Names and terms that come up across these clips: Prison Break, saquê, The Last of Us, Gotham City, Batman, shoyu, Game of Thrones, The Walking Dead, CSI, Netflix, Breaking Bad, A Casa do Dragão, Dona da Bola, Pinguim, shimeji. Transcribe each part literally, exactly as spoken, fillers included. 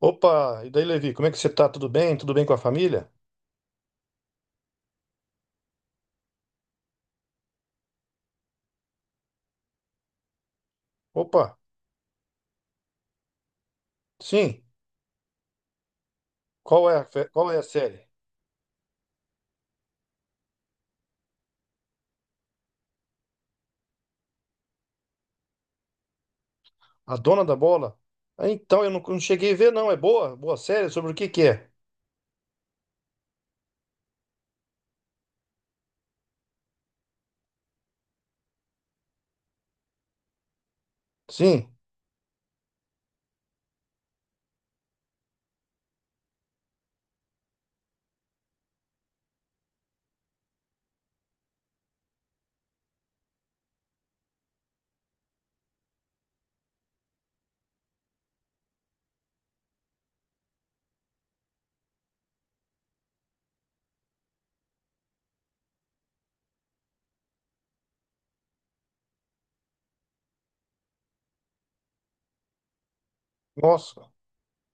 Opa, e daí, Levi, como é que você tá? Tudo bem? Tudo bem com a família? Opa, sim. Qual é a, fe- qual é a série? A Dona da Bola? Ah, então, eu não, não cheguei a ver, não. É boa? Boa série? Sobre o que que é? Sim. Nossa.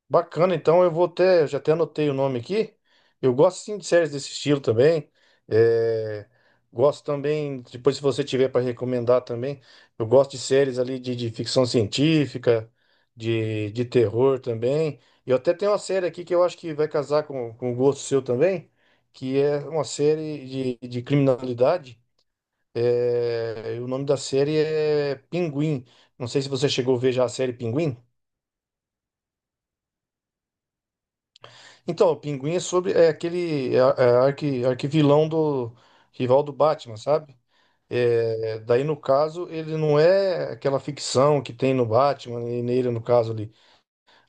Bacana, então eu vou até, Eu já até anotei o nome aqui. Eu gosto sim de séries desse estilo também. É, gosto também, depois se você tiver para recomendar também, eu gosto de séries ali de, de ficção científica, de, de terror também. E eu até tenho uma série aqui que eu acho que vai casar com, com o gosto seu também, que é uma série de, de criminalidade. É, e o nome da série é Pinguim. Não sei se você chegou a ver já a série Pinguim. Então, o Pinguim é sobre é aquele é, é, arqui, arquivilão do rival do Batman, sabe? É, daí no caso ele não é aquela ficção que tem no Batman e nele no caso ali.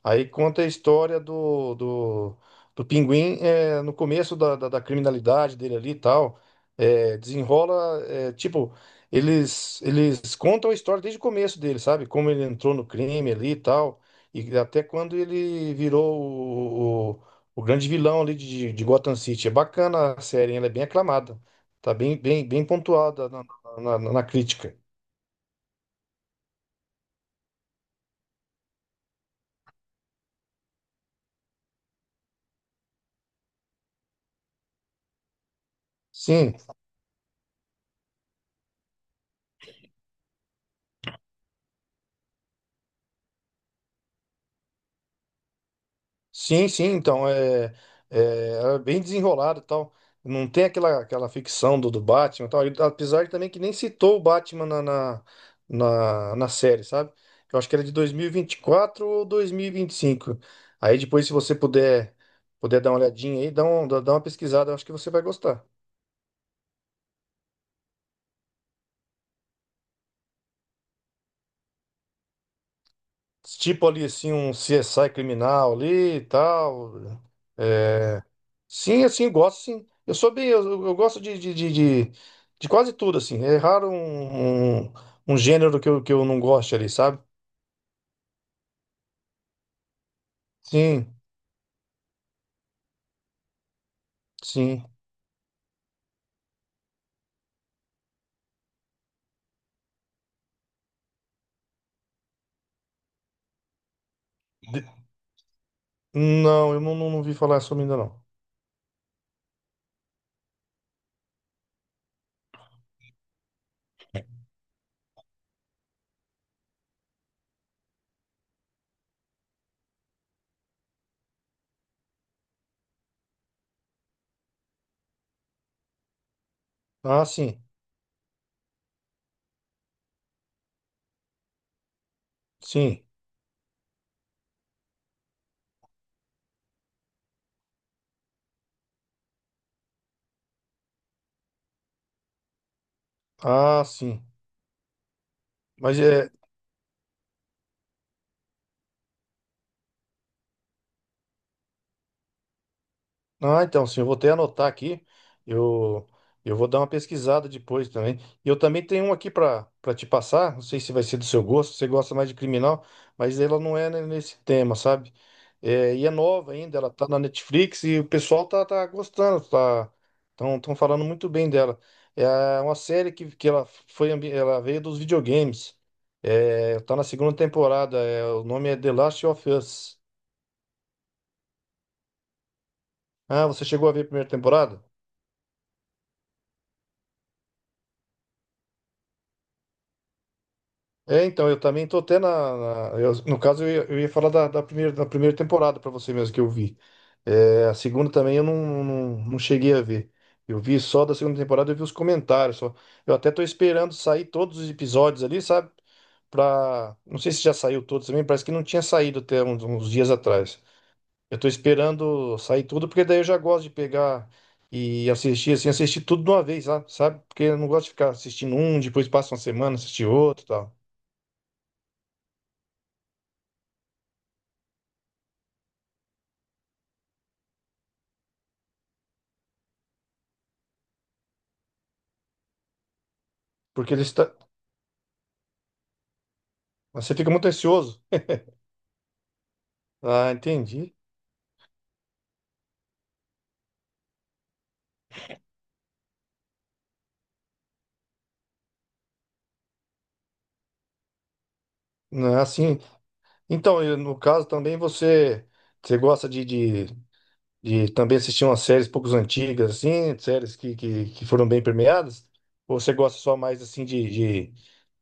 Aí conta a história do, do, do pinguim eh, no começo da, da, da criminalidade dele ali e tal. Eh, desenrola, eh, tipo, eles, eles contam a história desde o começo dele, sabe? Como ele entrou no crime ali e tal. E até quando ele virou o, o, o grande vilão ali de, de Gotham City. É bacana a série, hein? Ela é bem aclamada. Tá bem, bem, bem pontuada na, na, na na crítica. Sim. Sim, sim, então é, é, É bem desenrolado e tal. Não tem aquela, aquela ficção do, do Batman e tal. E, apesar de também que nem citou o Batman na, na, na, na série, sabe? Eu acho que era de dois mil e e vinte e quatro ou dois mil e e vinte e cinco Aí depois, se você puder, Puder dar uma olhadinha aí, dá, um, dá dá uma pesquisada, eu acho que você vai gostar. Tipo ali assim, um C S I criminal ali e tal. é, Sim, assim, gosto sim. Eu sou bem, eu, eu gosto de, de, de, de- de quase tudo, assim. É raro um, um, um gênero que eu, que eu não goste ali, sabe? Sim, sim. De- não, eu não, não, não vi falar sobre ainda não. Ah, sim, sim. Ah, sim. Mas é, ah, então, sim, eu vou até anotar aqui. Eu, eu vou dar uma pesquisada depois também. E eu também tenho um aqui para para te passar. Não sei se vai ser do seu gosto, se você gosta mais de criminal, mas ela não é ne- nesse tema, sabe? É, e é nova ainda, ela tá na Netflix e o pessoal tá, tá gostando, tá, tão, tão falando muito bem dela. É uma série que, que ela foi, ambi- ela veio dos videogames. É, tá na segunda temporada. É, o nome é The Last of Us. Ah, você chegou a ver a primeira temporada? É, então, eu também tô até na, na- eu- no caso, eu ia, eu ia falar da, da primeira, da primeira temporada pra você mesmo que eu vi. É, a segunda também eu não, não, não cheguei a ver. Eu vi só da segunda temporada, eu vi os comentários só. Eu até tô esperando sair todos os episódios ali, sabe? Pra, não sei se já saiu todos também, parece que não tinha saído até uns, uns dias atrás. Eu tô esperando sair tudo, porque daí eu já gosto de pegar e assistir, assim, assistir tudo de uma vez, sabe? Sabe? Porque eu não gosto de ficar assistindo um, depois passa uma semana, assistir outro e tal. Porque ele está. Você fica muito ansioso. Ah, entendi. Não, é assim. Então, e no caso também você. Você gosta de, de, de também assistir umas séries poucos antigas, assim, séries que, que, que foram bem premiadas? Ou você gosta só mais assim de, de,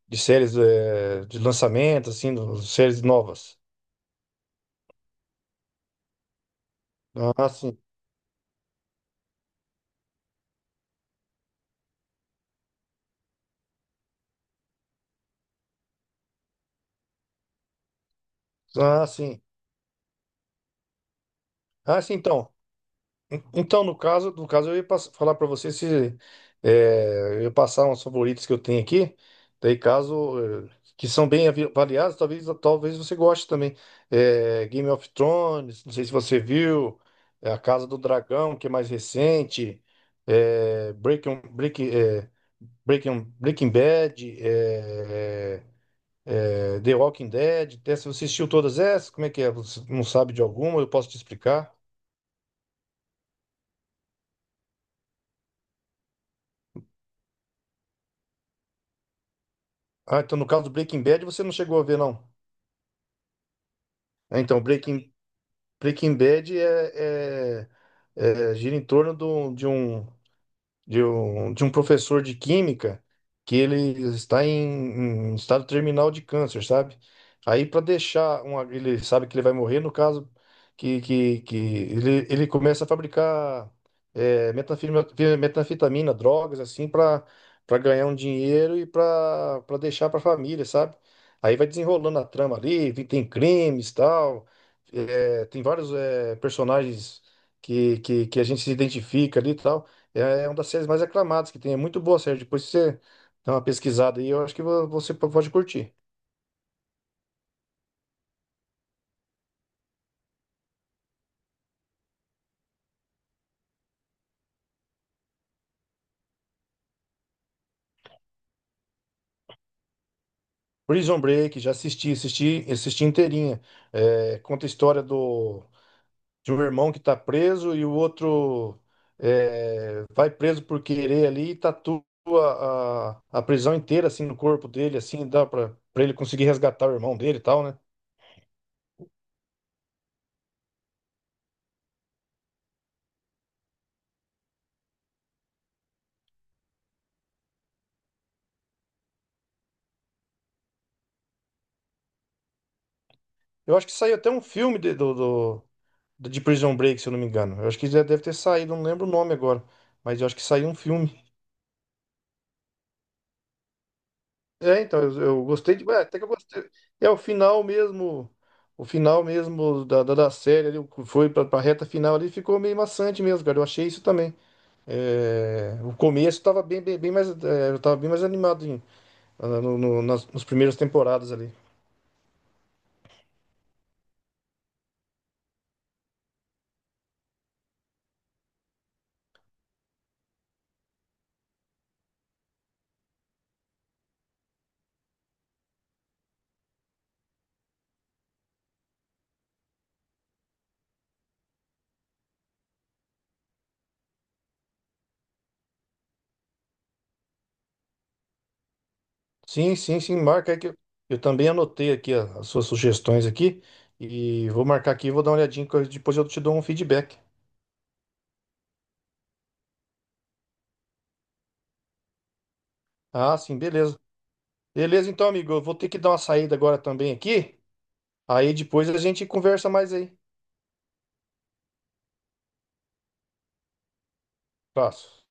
de séries eh, de lançamento, assim, no- séries novas? Ah, sim. Ah, sim. Ah, sim, então. Então, no caso, no caso, eu ia pass- falar para você se é, eu ia passar uns favoritos que eu tenho aqui, daí caso eh, que são bem avi- avaliados, talvez talvez você goste também. É, Game of Thrones, não sei se você viu, é, A Casa do Dragão, que é mais recente, é, Breaking, Breaking, é, Breaking, Breaking Bad, é, é, é, The Walking Dead. Até se você assistiu todas essas, como é que é? Você não sabe de alguma? Eu posso te explicar. Ah, então no caso do Breaking Bad você não chegou a ver, não. É, então, Breaking, Breaking Bad é, é- é- gira em torno do- de um, de um, de um professor de química que ele está em, em estado terminal de câncer, sabe? Aí para deixar uma, ele sabe que ele vai morrer, no caso que, que, que ele, ele começa a fabricar é, metanfetamina, metanfetamina, drogas assim para para ganhar um dinheiro e para para deixar para a família, sabe? Aí vai desenrolando a trama ali, vi- tem crimes, tal, é, tem vários é, personagens que, que, que a gente se identifica ali, e tal. É é uma das séries mais aclamadas que tem. É muito boa a série. Depois você dá uma pesquisada aí, eu acho que vo- você po- pode curtir. Prison Break, já assisti, assisti, assisti inteirinha. É, conta a história do, de um irmão que tá preso e o outro é, vai preso por querer ali e tatua a, a prisão inteira assim no corpo dele, assim, dá pra, pra ele conseguir resgatar o irmão dele e tal, né? Eu acho que saiu até um filme de, do, do- do- de Prison Break, se eu não me engano. Eu acho que já deve ter saído, não lembro o nome agora. Mas eu acho que saiu um filme. É, então, eu, eu gostei de. É, até que eu gostei. É o final mesmo. O final mesmo da, da, da série ali, o que foi pra, pra reta final ali, ficou meio maçante mesmo, cara. Eu achei isso também. É, o começo tava bem, bem, bem mais. É, eu tava bem mais animado em- ah, no- no- nas, nas primeiras temporadas ali. Sim, sim, sim, marca aí que eu, eu também anotei aqui a- as suas sugestões aqui e vou marcar aqui, vou dar uma olhadinha, que eu- depois eu te dou um feedback. Ah, sim, beleza. Beleza, então, amigo, eu vou ter que dar uma saída agora também aqui, aí depois a gente conversa mais aí. Abraço.